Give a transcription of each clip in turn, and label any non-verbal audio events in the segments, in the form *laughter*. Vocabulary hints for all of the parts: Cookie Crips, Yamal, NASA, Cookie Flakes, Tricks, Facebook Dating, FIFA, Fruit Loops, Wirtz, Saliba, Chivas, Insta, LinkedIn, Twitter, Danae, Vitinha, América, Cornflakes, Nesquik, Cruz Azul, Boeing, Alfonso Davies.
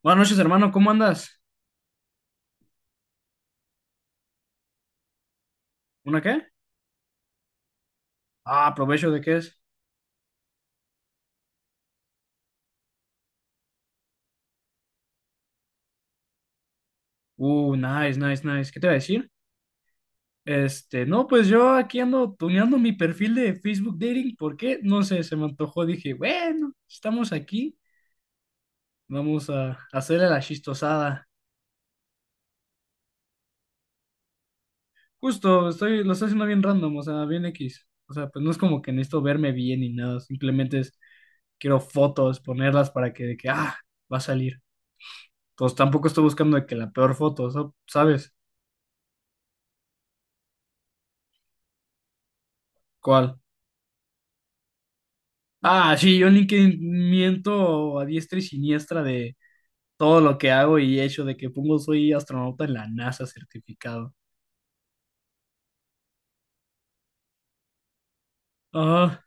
Buenas noches, hermano, ¿cómo andas? ¿Una qué? Ah, provecho de qué es. Nice, nice, nice. ¿Qué te iba a decir? Este, no, pues yo aquí ando tuneando mi perfil de Facebook Dating. ¿Por qué? No sé, se me antojó. Dije, bueno, estamos aquí, vamos a hacerle la chistosada. Justo, estoy, lo estoy haciendo bien random, o sea, bien X. O sea, pues no es como que necesito verme bien ni nada, simplemente es, quiero fotos, ponerlas para que, de que, va a salir. Pues tampoco estoy buscando de que la peor foto, ¿sabes? ¿Cuál? Ah, sí, yo en LinkedIn miento a diestra y siniestra de todo lo que hago y hecho, de que pongo soy astronauta en la NASA certificado. Ajá,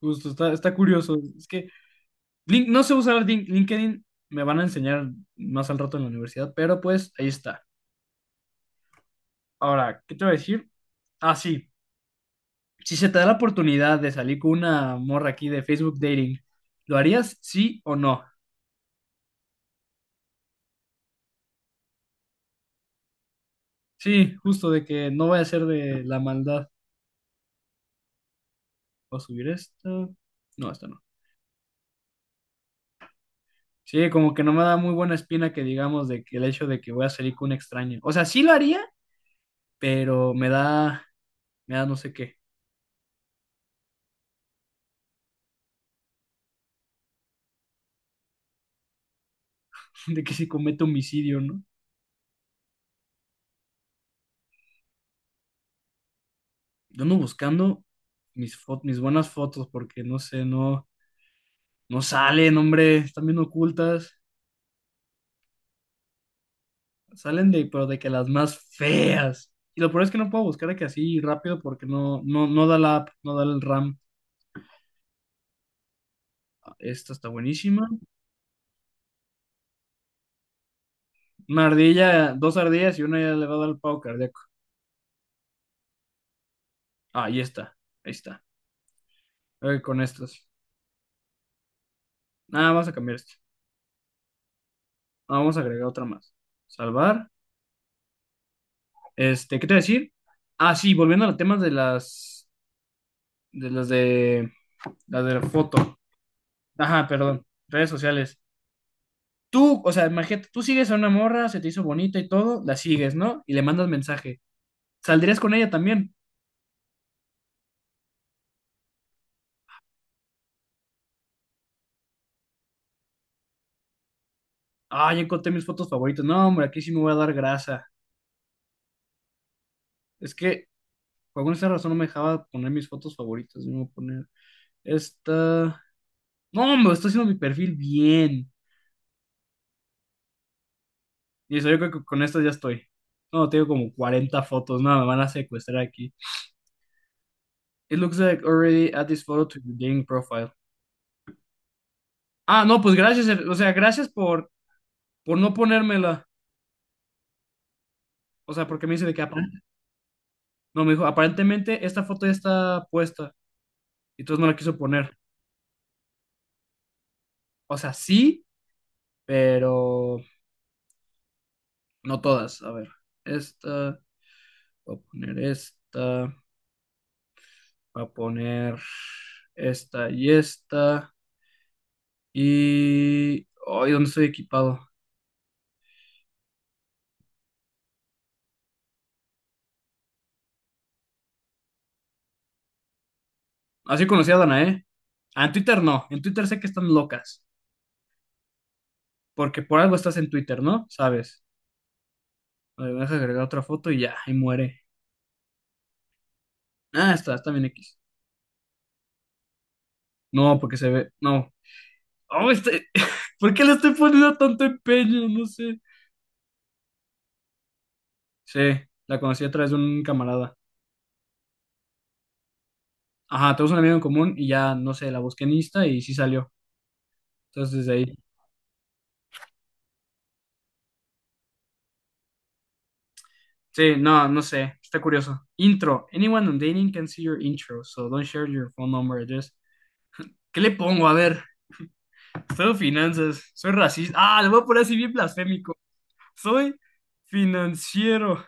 justo, está, está curioso. Es que no sé usar LinkedIn, me van a enseñar más al rato en la universidad, pero pues ahí está. Ahora, ¿qué te voy a decir? Ah, sí, si se te da la oportunidad de salir con una morra aquí de Facebook Dating, ¿lo harías sí o no? Sí, justo de que no vaya a ser de la maldad. Voy a subir esto. No, esto no. Sí, como que no me da muy buena espina que digamos de que el hecho de que voy a salir con un extraño. O sea, sí lo haría, pero me da no sé qué, *laughs* de que si cometo homicidio, ¿no? Yo ando buscando mis buenas fotos porque no sé, no, no salen, hombre, están bien ocultas. Salen de, pero de que las más feas. Y lo peor es que no puedo buscar de que así rápido porque no, no, no da la app, no da el RAM. Ah, esta está buenísima. Una ardilla, dos ardillas y una ya le va a dar el pavo cardíaco. Ah, ahí está, ahí está. Con estas. Nada, vamos a cambiar esto. Ah, vamos a agregar otra más. Salvar. Este, ¿qué te voy a decir? Ah, sí, volviendo a los temas de las de las de las de la foto. Ajá, perdón. Redes sociales. Tú, o sea, imagínate, tú sigues a una morra, se te hizo bonita y todo, la sigues, ¿no? Y le mandas mensaje. ¿Saldrías con ella también? Ah, ya encontré mis fotos favoritas. No, hombre, aquí sí me voy a dar grasa. Es que por alguna extraña razón no me dejaba poner mis fotos favoritas. Me voy a poner esta. No, hombre, estoy haciendo mi perfil bien. Listo, yo creo que con esto ya estoy. No, tengo como 40 fotos. No, me van a secuestrar aquí. It looks like already add this photo to your dating profile. Ah, no, pues gracias. O sea, gracias por no ponérmela. O sea, porque me dice de que... apar- No, me dijo, aparentemente esta foto ya está puesta. Y entonces no la quiso poner. O sea, sí, pero no todas. A ver, esta, voy a poner esta, voy a poner esta y esta. Y... ay, ¿dónde estoy equipado? Así conocí a Danae. Ah, en Twitter no. En Twitter sé que están locas. Porque por algo estás en Twitter, ¿no? Sabes. A ver, deja agregar otra foto y ya, y muere. Ah, está, está bien X. No, porque se ve. No. Oh, este... *laughs* ¿Por qué le estoy poniendo tanto empeño? No sé. Sí, la conocí a través de un camarada. Ajá, tenemos un amigo en común y ya, no sé, la busqué en Insta y sí salió. Entonces desde ahí. Sí, no, no sé. Está curioso. Intro. Anyone on dating can see your intro, so don't share your phone number address. ¿Qué le pongo? A ver. Soy finanzas, soy racista. Ah, lo voy a poner así bien blasfémico. Soy financiero,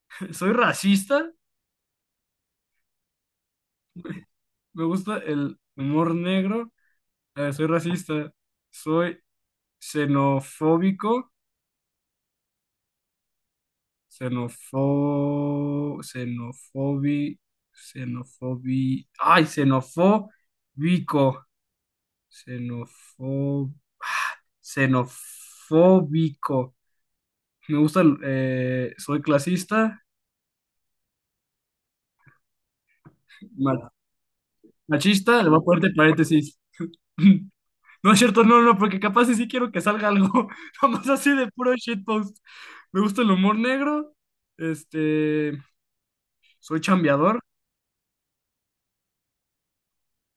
*laughs* soy racista. Me gusta el humor negro. Soy racista, soy xenofóbico, xenofo, xenofobi, xenofobi, ay, xenofóbico, xenofo, ah, xenofóbico. Me gusta, soy clasista, machista, le voy a poner paréntesis. *laughs* No es cierto, no, no, no, porque capaz y sí quiero que salga algo, *laughs* nomás así de puro shitpost. Me gusta el humor negro, este, soy chambeador.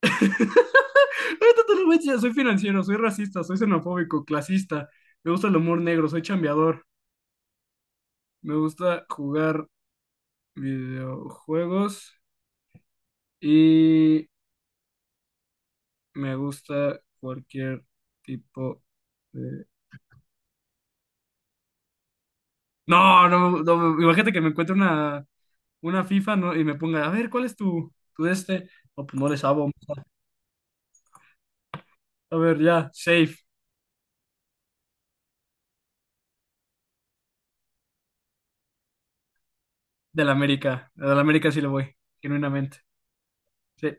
*laughs* Ahorita te lo voy a enseñar, soy financiero, soy racista, soy xenofóbico, clasista. Me gusta el humor negro, soy chambeador. Me gusta jugar videojuegos y me gusta cualquier tipo de... No, no, no, imagínate que me encuentre una FIFA y me pongan, a ver, ¿cuál es tu, tu de este? No, pues no le sabo. A ver, ya, safe del América. Del América sí le voy, genuinamente. Sí,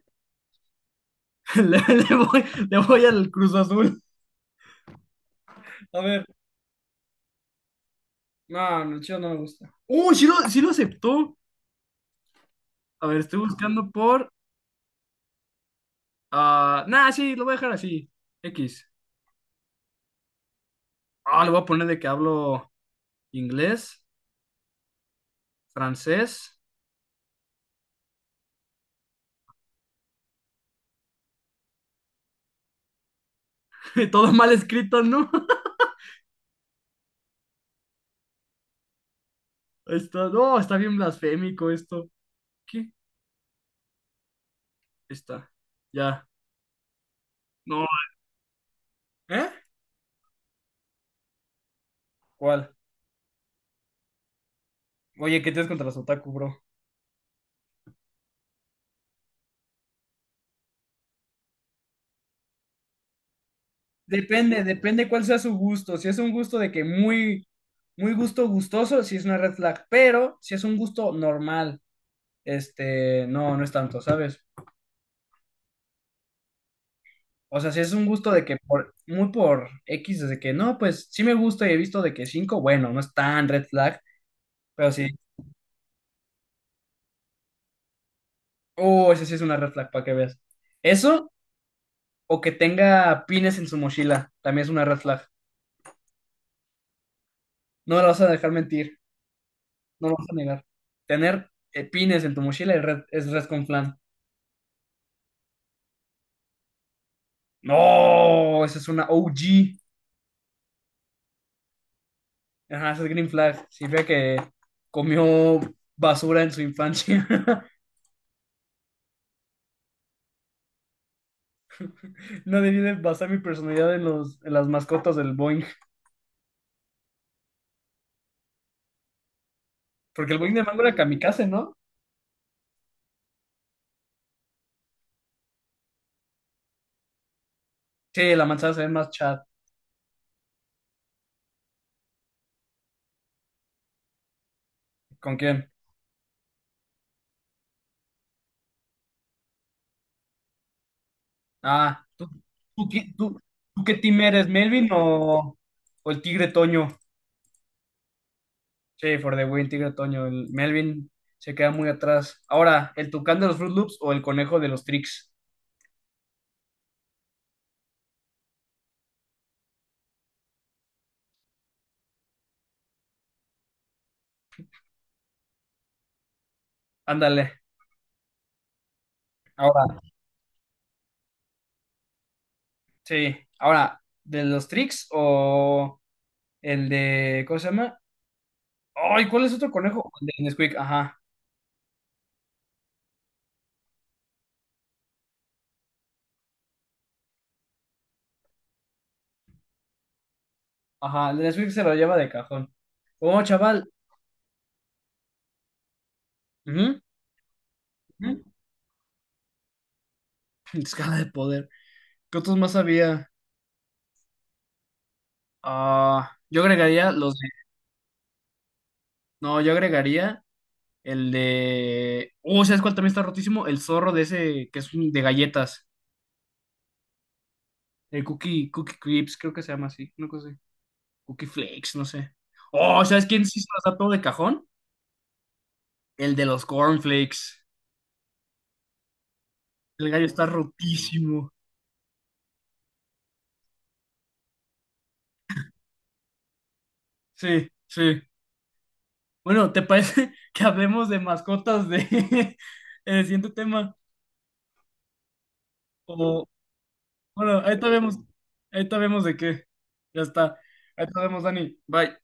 *laughs* le, le voy, le voy al Cruz Azul. A ver, no, no, el Chivas no me gusta. ¡Uy, sí lo aceptó! A ver, estoy buscando por... ah, nah, sí, lo voy a dejar así. X. Ah, le voy a poner de que hablo inglés, francés, *laughs* todo mal escrito, ¿no? *laughs* Está, no, está bien blasfémico esto. ¿Qué? Está. Ya. No, ¿eh? ¿Cuál? Oye, ¿qué tienes contra los otaku, bro? Depende, depende cuál sea su gusto. Si es un gusto de que muy, muy gusto gustoso, si es una red flag, pero si es un gusto normal, este, no, no es tanto, ¿sabes? O sea, si es un gusto de que por, muy por X, desde que no, pues sí me gusta y he visto de que 5, bueno, no es tan red flag, pero sí, oh, ese sí es una red flag, para que veas. Eso, o que tenga pines en su mochila, también es una red flag. No me lo vas a dejar mentir. No lo vas a negar. Tener pines en tu mochila es red, es res con flan. No, esa es una OG. Ajá, esa es Green Flag. Significa que comió basura en su infancia. *laughs* No debí de basar mi personalidad en los, en las mascotas del Boeing. Porque el Boeing de mango era kamikaze, ¿no? Sí, la manzana se ve más chat. ¿Con quién? Ah, ¿tú, tú, qui- tú- Tú qué team eres, Melvin o el tigre Toño? Sí, for the win, Tigre Toño. El Melvin se queda muy atrás. Ahora, ¿el tucán de los Fruit Loops o el conejo de los Tricks? Ándale. Ahora, sí. Ahora, ¿de los Tricks o el de. ¿Cómo se llama? Ay, ¿cuál es otro conejo? El de Nesquik, ajá. Ajá, el de Nesquik se lo lleva de cajón. Oh, chaval. Ujú, ujú. *laughs* Escala de poder. ¿Qué otros más había? Ah, yo agregaría los de. No, yo agregaría. El de. Oh, ¿sabes cuál también está rotísimo? El zorro de ese que es de galletas. El Cookie, Cookie Crips, creo que se llama así. Una cosa así. Cookie Flakes, no sé. Oh, ¿sabes quién sí se los da todo de cajón? El de los cornflakes. El gallo está rotísimo. Sí, sí. Bueno, ¿te parece *laughs* que hablemos de mascotas de *laughs* en el siguiente tema? O, bueno, ahorita vemos. Ahorita vemos de qué. Ya está. Ahorita vemos, Dani. Bye.